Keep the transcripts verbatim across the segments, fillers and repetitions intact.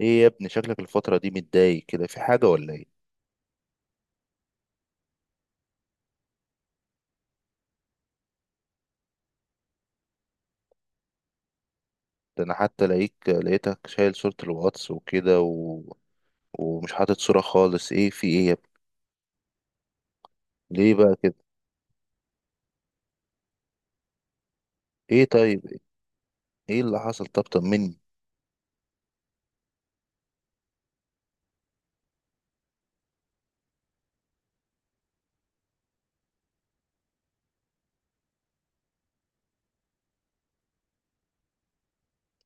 ايه يا ابني، شكلك الفترة دي متضايق كده في حاجة ولا ايه؟ ده انا حتى لقيك لقيتك شايل صورة الواتس وكده و... ومش حاطط صورة خالص، ايه في ايه يا ابني؟ ليه بقى كده؟ ايه طيب، ايه اللي حصل؟ طب طمني.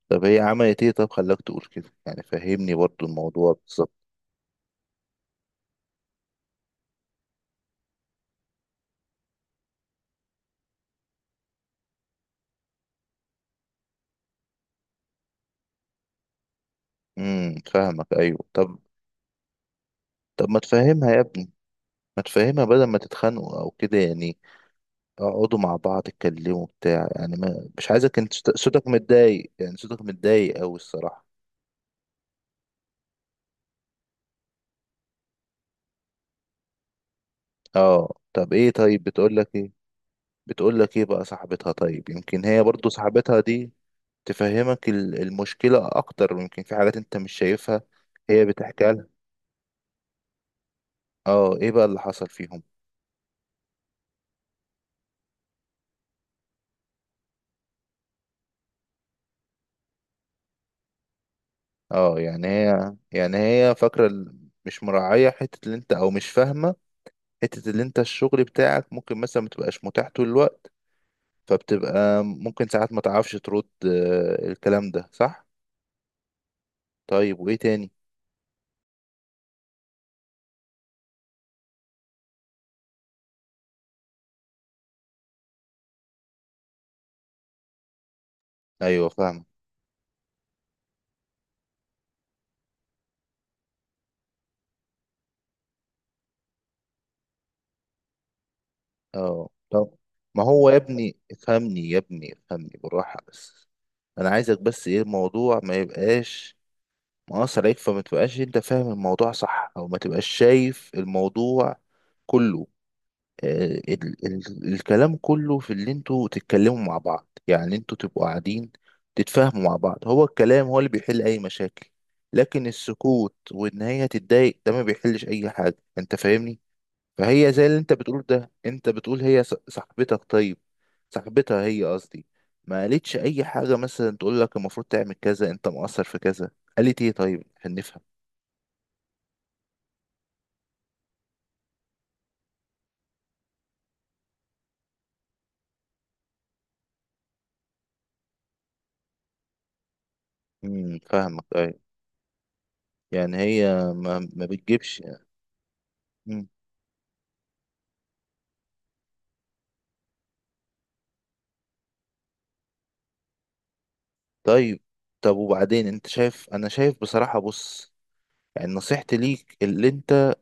طب هي عملت ايه طب خلاك تقول كده؟ يعني فهمني برضو الموضوع بالظبط. امم فاهمك، ايوه طب. طب ما تفهمها يا ابني، ما تفهمها بدل ما تتخانقوا او كده يعني. اقعدوا مع بعض اتكلموا بتاع، يعني ما مش عايزك انت صوتك متضايق، يعني صوتك متضايق اوي الصراحة. اه طب ايه، طيب بتقول لك ايه؟ بتقول لك ايه بقى صاحبتها؟ طيب يمكن هي برضو صاحبتها دي تفهمك ال- المشكلة اكتر، ويمكن في حاجات انت مش شايفها. هي بتحكي لها؟ اه ايه بقى اللي حصل فيهم؟ اه يعني هي، يعني هي فاكرة ال- مش مراعية حتة اللي انت، او مش فاهمة حتة اللي انت الشغل بتاعك ممكن مثلا متبقاش متاح طول الوقت، فبتبقى ممكن ساعات ما تعرفش ترد. آه، الكلام ده صح. طيب وايه تاني؟ ايوه فاهمة. اه طب، ما هو يا ابني افهمني، يا ابني افهمني بالراحة بس. انا عايزك بس، ايه الموضوع ما يبقاش مقصر عليك، فما تبقاش انت فاهم الموضوع صح، او ما تبقاش شايف الموضوع كله. آه ال ال الكلام كله في اللي انتوا تتكلموا مع بعض، يعني انتوا تبقوا قاعدين تتفاهموا مع بعض، هو الكلام هو اللي بيحل اي مشاكل. لكن السكوت وان هي تتضايق ده ما بيحلش اي حاجة، انت فاهمني. فهي زي اللي انت بتقول، ده انت بتقول هي ص- صاحبتك، طيب صاحبتها هي قصدي، ما قالتش اي حاجة مثلا تقول لك المفروض تعمل كذا، انت مقصر في كذا؟ قالت ايه طيب عشان نفهم؟ امم فاهمك، ايوه. يعني هي ما, ما بتجيبش. امم طيب. طب وبعدين؟ انت شايف، انا شايف بصراحة، بص، يعني نصيحتي ليك اللي انت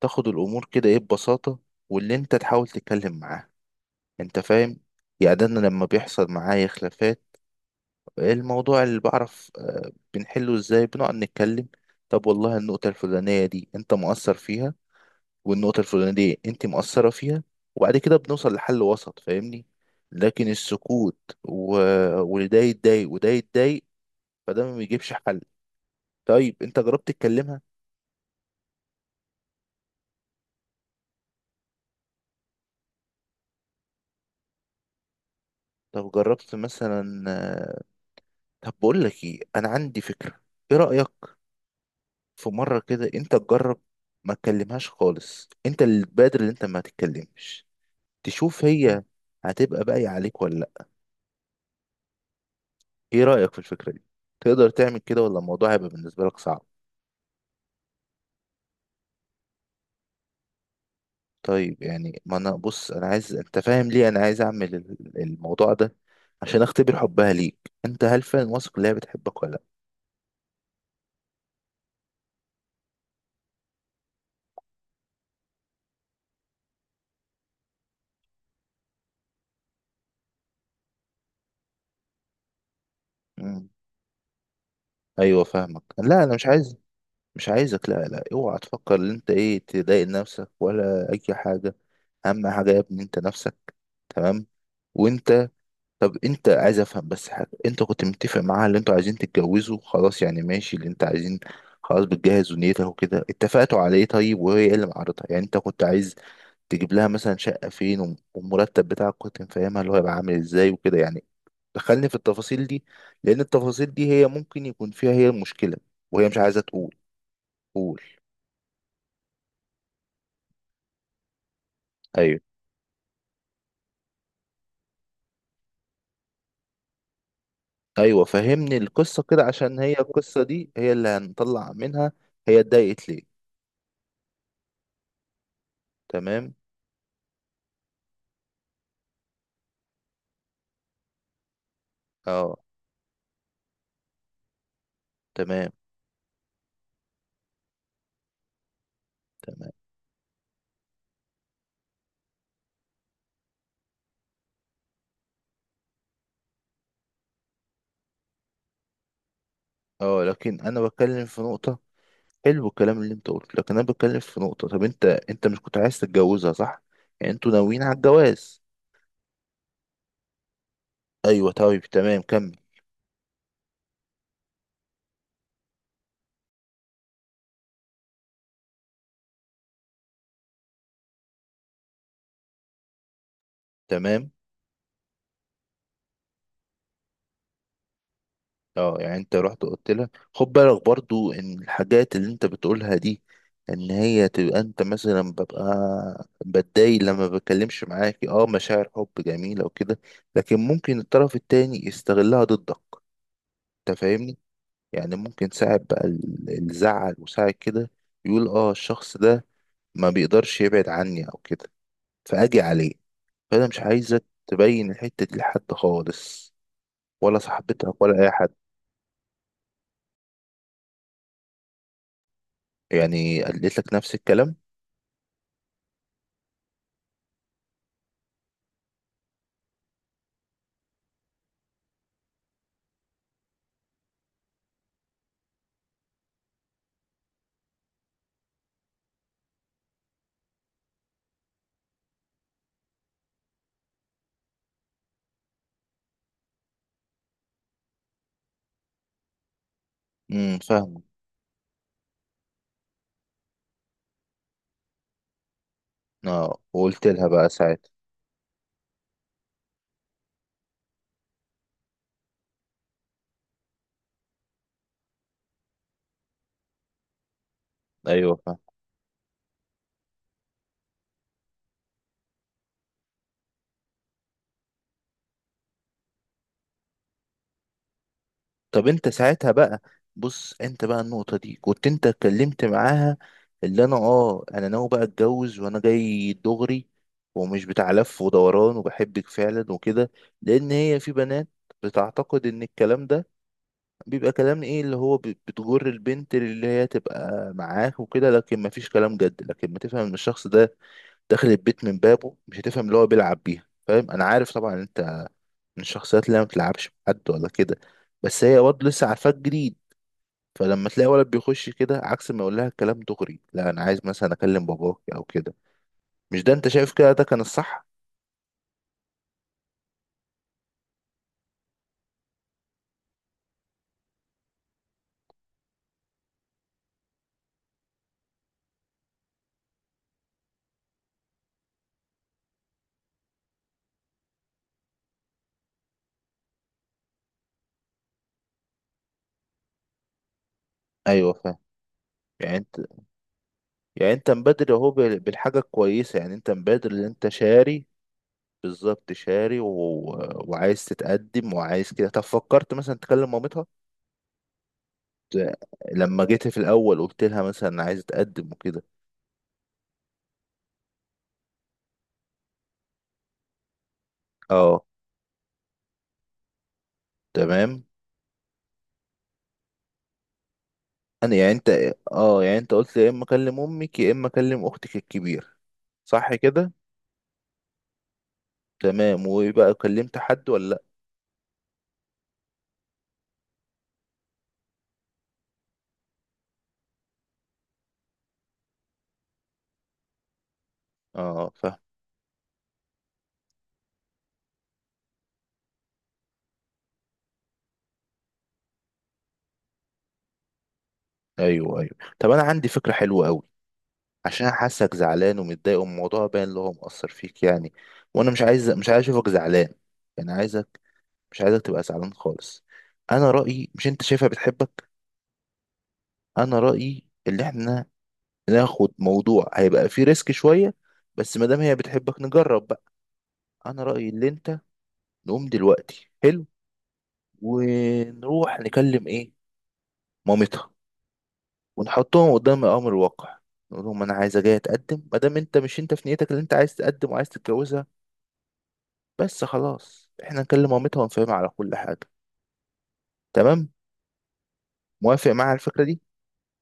تاخد الامور كده ايه، ببساطة، واللي انت تحاول تتكلم معاه، انت فاهم. يعني ده انا لما بيحصل معايا خلافات، إيه الموضوع اللي بعرف، آه، بنحله ازاي؟ بنقعد نتكلم. طب والله النقطة الفلانية دي انت مؤثر فيها، والنقطة الفلانية دي انت مؤثرة فيها، وبعد كده بنوصل لحل وسط، فاهمني. لكن السكوت و... وده يتضايق وده يتضايق، فده ما بيجيبش حل. طيب انت جربت تكلمها؟ طب جربت مثلا؟ آه، طب بقول لك ايه، انا عندي فكرة، ايه رأيك في مرة كده انت تجرب ما تكلمهاش خالص، انت اللي تبادر ان انت ما تتكلمش، تشوف هي هتبقى باقية عليك ولا لأ. ايه رأيك في الفكرة دي؟ تقدر تعمل كده ولا الموضوع هيبقى بالنسبة لك صعب؟ طيب يعني، ما انا بص، انا عايز انت فاهم ليه انا عايز اعمل ال- الموضوع ده، عشان اختبر حبها ليك انت، هل فعلا واثق ان هي بتحبك ولا لا. مم. ايوه فاهمك. لا انا مش عايز، مش عايزك لا لا، اوعى تفكر ان انت ايه تضايق نفسك ولا اي حاجة، اهم حاجة يا ابني انت نفسك، تمام. وانت، طب انت عايز، افهم بس حاجه، انت كنت متفق معاها اللي انتوا عايزين تتجوزوا خلاص يعني، ماشي اللي انت عايزين خلاص بتجهز ونيتها وكده، اتفقتوا على ايه طيب؟ وهي ايه اللي معرضها؟ يعني انت كنت عايز تجيب لها مثلا شقه فين، وم- والمرتب بتاعك كنت مفهمها اللي هو هيبقى عامل ازاي وكده يعني، دخلني في التفاصيل دي، لان التفاصيل دي هي ممكن يكون فيها هي المشكله، وهي مش عايزه تقول. قول. ايوه. ايوه فهمني القصه كده، عشان هي القصه دي هي اللي هنطلع منها. هي اتضايقت ليه؟ تمام. اه. تمام. تمام. اه لكن انا بتكلم في نقطة، حلو الكلام اللي انت قلته، لكن انا بتكلم في نقطة، طب انت، انت مش كنت عايز تتجوزها؟ صح، يعني انتوا ناويين على الجواز. ايوه طيب تمام، كمل. تمام. اه يعني انت رحت قلت لها خد بالك برضو ان الحاجات اللي انت بتقولها دي، ان هي تبقى، انت مثلا ببقى بتضايق لما بتكلمش معاكي، اه مشاعر حب جميلة وكده، لكن ممكن الطرف التاني يستغلها ضدك، انت فاهمني. يعني ممكن ساعة بقى ال- الزعل وساعة كده يقول اه الشخص ده ما بيقدرش يبعد عني او كده، فاجي عليه. فانا مش عايزك تبين الحتة دي لحد خالص، ولا صاحبتك ولا اي حد. يعني قالت لك نفس الكلام؟ امم فاهمه. اه وقلت لها بقى ساعتها؟ ايوه. طب انت ساعتها بقى، بص انت بقى النقطة دي كنت انت اتكلمت معاها اللي انا اه انا ناوي بقى اتجوز، وانا جاي دغري ومش بتاع لف ودوران، وبحبك فعلا وكده. لان هي، في بنات بتعتقد ان الكلام ده بيبقى كلام ايه، اللي هو ب- بتجر البنت اللي هي تبقى معاك وكده، لكن مفيش كلام جد. لكن ما تفهم ان الشخص ده داخل البيت من بابه، مش هتفهم اللي هو بيلعب بيها، فاهم؟ انا عارف طبعا انت من الشخصيات اللي ما بتلعبش مع حد ولا كده، بس هي برضه لسه عارفاك جديد، فلما تلاقي ولد بيخش كده عكس، ما يقول لها الكلام دغري، لا انا عايز مثلا اكلم باباك او كده، مش ده انت شايف كده ده كان الصح؟ ايوه فاهم. يعني انت، يعني انت مبادر اهو بال- بالحاجه الكويسه، يعني انت مبادر ان انت شاري، بالظبط شاري و... وعايز تتقدم وعايز كده. طب فكرت مثلا تكلم مامتها؟ ت- لما جيت في الاول قلت لها مثلا أنا عايز اتقدم وكده؟ اه. تمام. انا يعني انت، اه يعني انت قلت يا اما اكلم امك يا اما اكلم اختك الكبيره، صح كده؟ تمام، ويبقى كلمت حد ولا لا؟ اه فاهم. ايوه ايوه. طب انا عندي فكره حلوه قوي، عشان حاسك زعلان ومتضايق، والموضوع باين اللي هو مأثر فيك يعني، وانا مش عايز، مش عايز اشوفك زعلان، يعني عايزك، مش عايزك تبقى زعلان خالص. انا رأيي، مش انت شايفها بتحبك؟ انا رأيي اللي احنا ناخد موضوع هيبقى فيه ريسك شويه، بس ما دام هي بتحبك نجرب بقى. انا رأيي اللي انت نقوم دلوقتي حلو، ونروح نكلم ايه، مامتها، ونحطهم قدام الامر الواقع، نقول لهم انا عايزه جايه اتقدم، ما دام انت مش، انت في نيتك اللي انت عايز تقدم وعايز تتجوزها، بس خلاص احنا نكلم مامتها ونفهمها على كل حاجه، تمام؟ موافق معايا على الفكره دي؟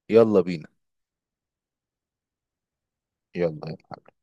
يلا بينا. يلا يلا.